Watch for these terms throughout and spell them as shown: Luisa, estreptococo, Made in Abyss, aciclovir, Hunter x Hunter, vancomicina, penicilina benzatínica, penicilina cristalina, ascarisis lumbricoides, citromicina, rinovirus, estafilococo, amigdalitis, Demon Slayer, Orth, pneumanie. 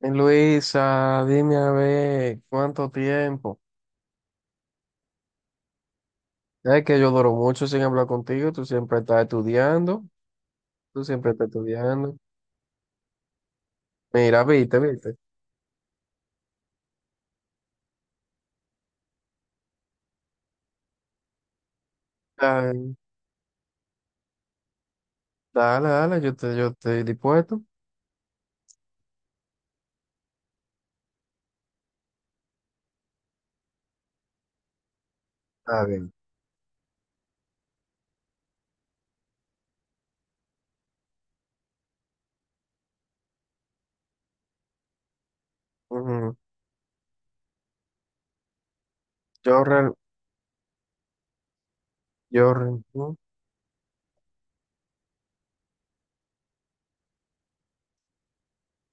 Luisa, dime a ver, ¿cuánto tiempo? Es que yo duro mucho sin hablar contigo, tú siempre estás estudiando, tú siempre estás estudiando. Mira, viste, viste. Está Dale, dale, yo estoy dispuesto. Está bien. Ujú. Yo, real- yo, re- Ujú.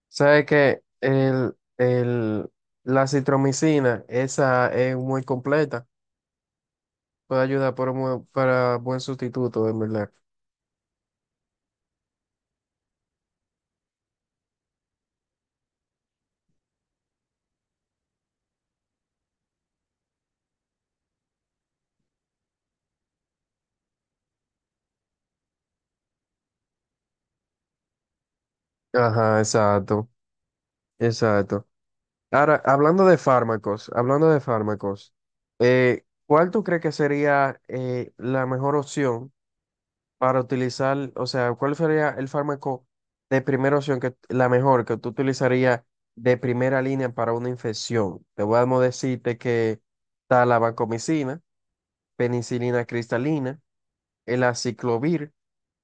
Sabes que la citromicina, esa es muy completa, puede ayudar para buen sustituto, en verdad. Ajá, exacto, exacto. Ahora, hablando de fármacos, ¿cuál tú crees que sería la mejor opción para utilizar, o sea, cuál sería el fármaco de primera opción, la mejor que tú utilizarías de primera línea para una infección? Te voy a decirte que está la vancomicina, penicilina cristalina, el aciclovir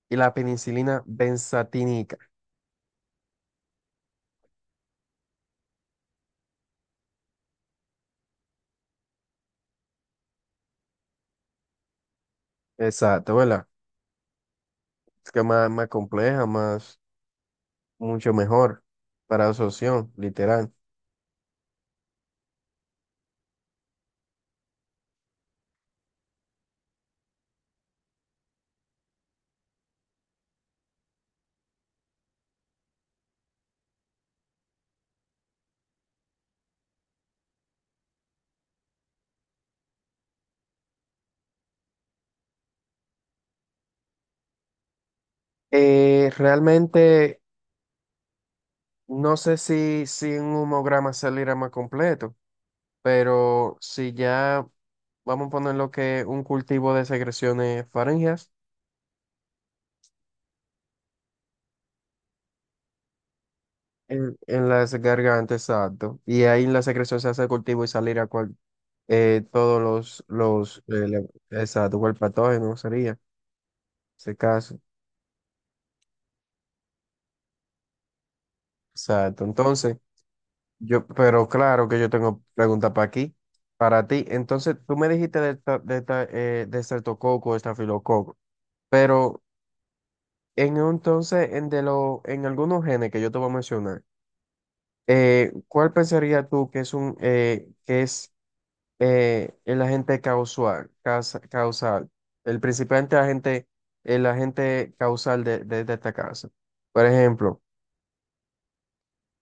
y la penicilina benzatínica. Exacto, ¿verdad? Es que más compleja, más... mucho mejor para absorción, literal. Realmente no sé si en un homograma saliera más completo, pero si ya vamos a poner lo que un cultivo de secreciones faríngeas en las gargantas, exacto, y ahí en la secreción se hace el cultivo y saliera cual, todos los le- exacto, cual patógeno sería ese caso, exacto. Entonces, pero claro que yo tengo pregunta para aquí, para ti. Entonces, tú me dijiste de estreptococo, estafilococo, pero entonces, en algunos genes que yo te voy a mencionar, ¿cuál pensarías tú que es un que es el agente causal, causal, el principal agente, el agente causal de esta casa? Por ejemplo,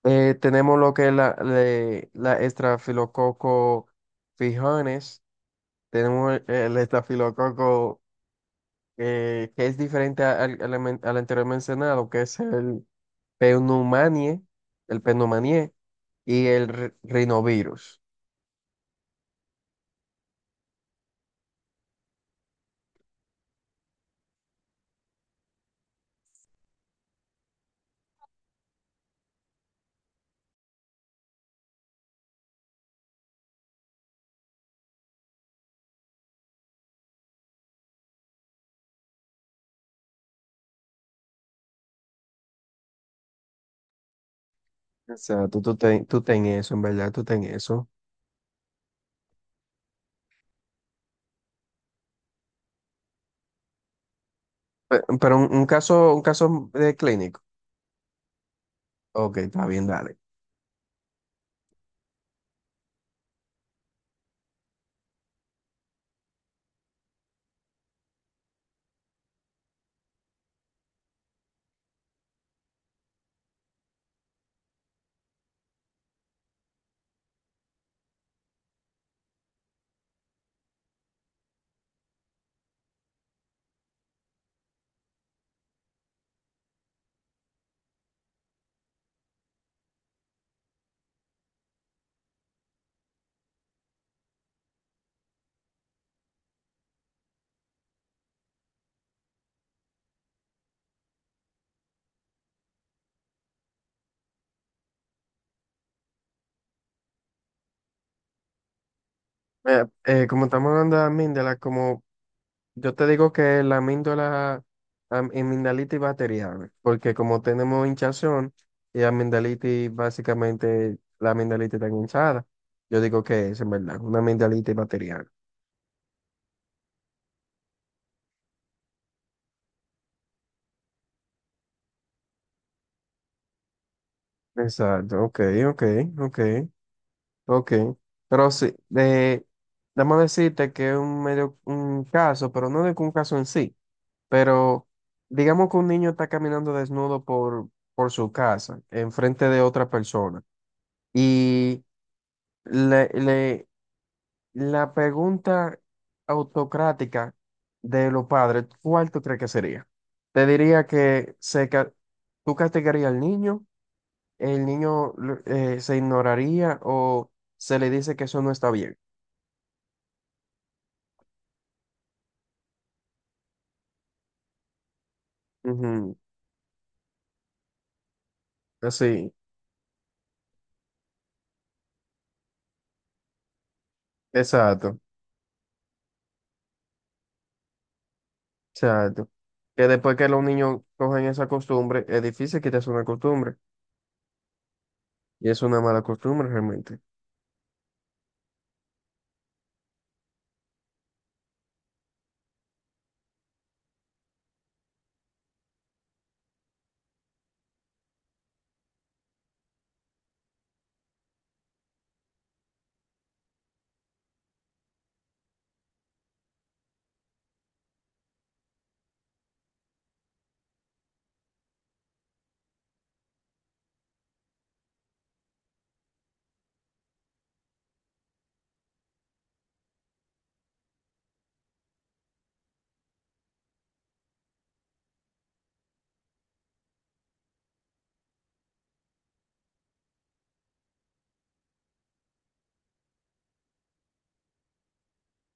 tenemos lo que es la estrafilococo Fijones, tenemos el, estafilococo que es diferente al anterior mencionado, que es pneumanie, el pneumanie y el rinovirus. O sea, tú ten eso, en verdad, tú ten eso. Pero, un caso de clínico. Ok, está bien, dale. Como estamos hablando también de la como Yo te digo que la amigdalitis bacteriana, porque como tenemos hinchazón y amigdalitis, básicamente la amigdalitis está hinchada, yo digo que es en verdad, una amigdalitis bacteriana. Exacto, ok, ok, ok, ok. Pero sí, déjame decirte que es un medio, un caso, pero no de que un caso en sí, pero digamos que un niño está caminando desnudo por su casa, enfrente de otra persona. Le, le- la pregunta autocrática de los padres, ¿cuál tú crees que sería? Te diría que tú castigarías al niño, se ignoraría o se le dice que eso no está bien. Ujú, así, exacto, exacto. Que después que los niños cogen esa costumbre, es difícil quitarse una costumbre y es una mala costumbre realmente.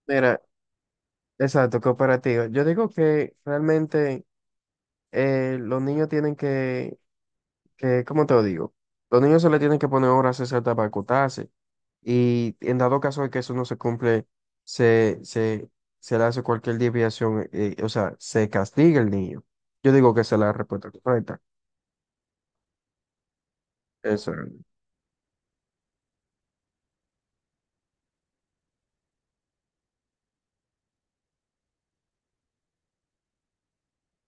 Mira, exacto, cooperativo. Yo digo que realmente. Los niños tienen ¿cómo te lo digo? Los niños se le tienen que poner horas exactas para acotarse. Y en dado caso de que eso no se cumple, se, se, se le hace cualquier desviación, o sea, se castiga el niño. Yo digo que esa es la respuesta correcta. Eso,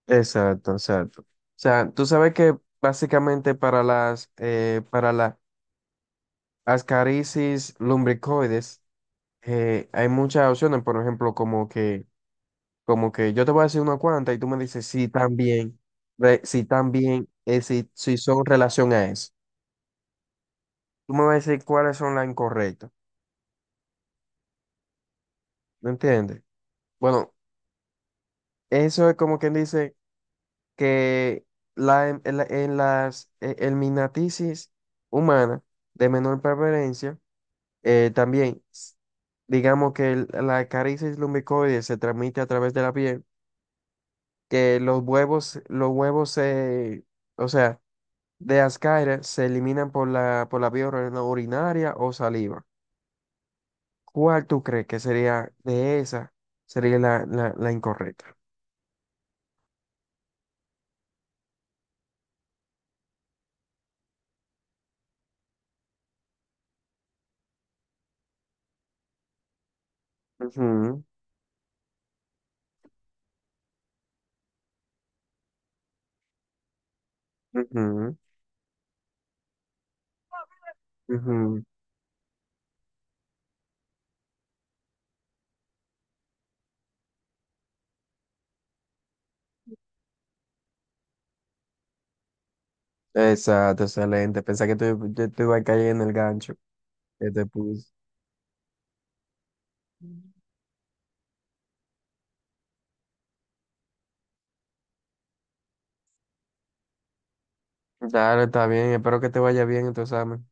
exacto, exacto. O sea, tú sabes que básicamente para las ascarisis lumbricoides, hay muchas opciones, por ejemplo, Como que yo te voy a decir una cuanta y tú me dices si también, si son relación a eso. Tú me vas a decir cuáles son las incorrectas. ¿Me entiendes? Bueno, eso es como quien dice que la, en la- en las el humana de menor preferencia, también, digamos que la caricis lumbicoide se transmite a través de la piel, que los huevos se, o sea, de las se eliminan por la vía urinaria o saliva. ¿Cuál tú crees que sería de esa? Sería la incorrecta. Ujú, ujú, ujú. Exacto, excelente. Pensé que tú yo te iba a caer en el gancho que te puse. Ujú. Dale, está bien. Espero que te vaya bien en tu examen.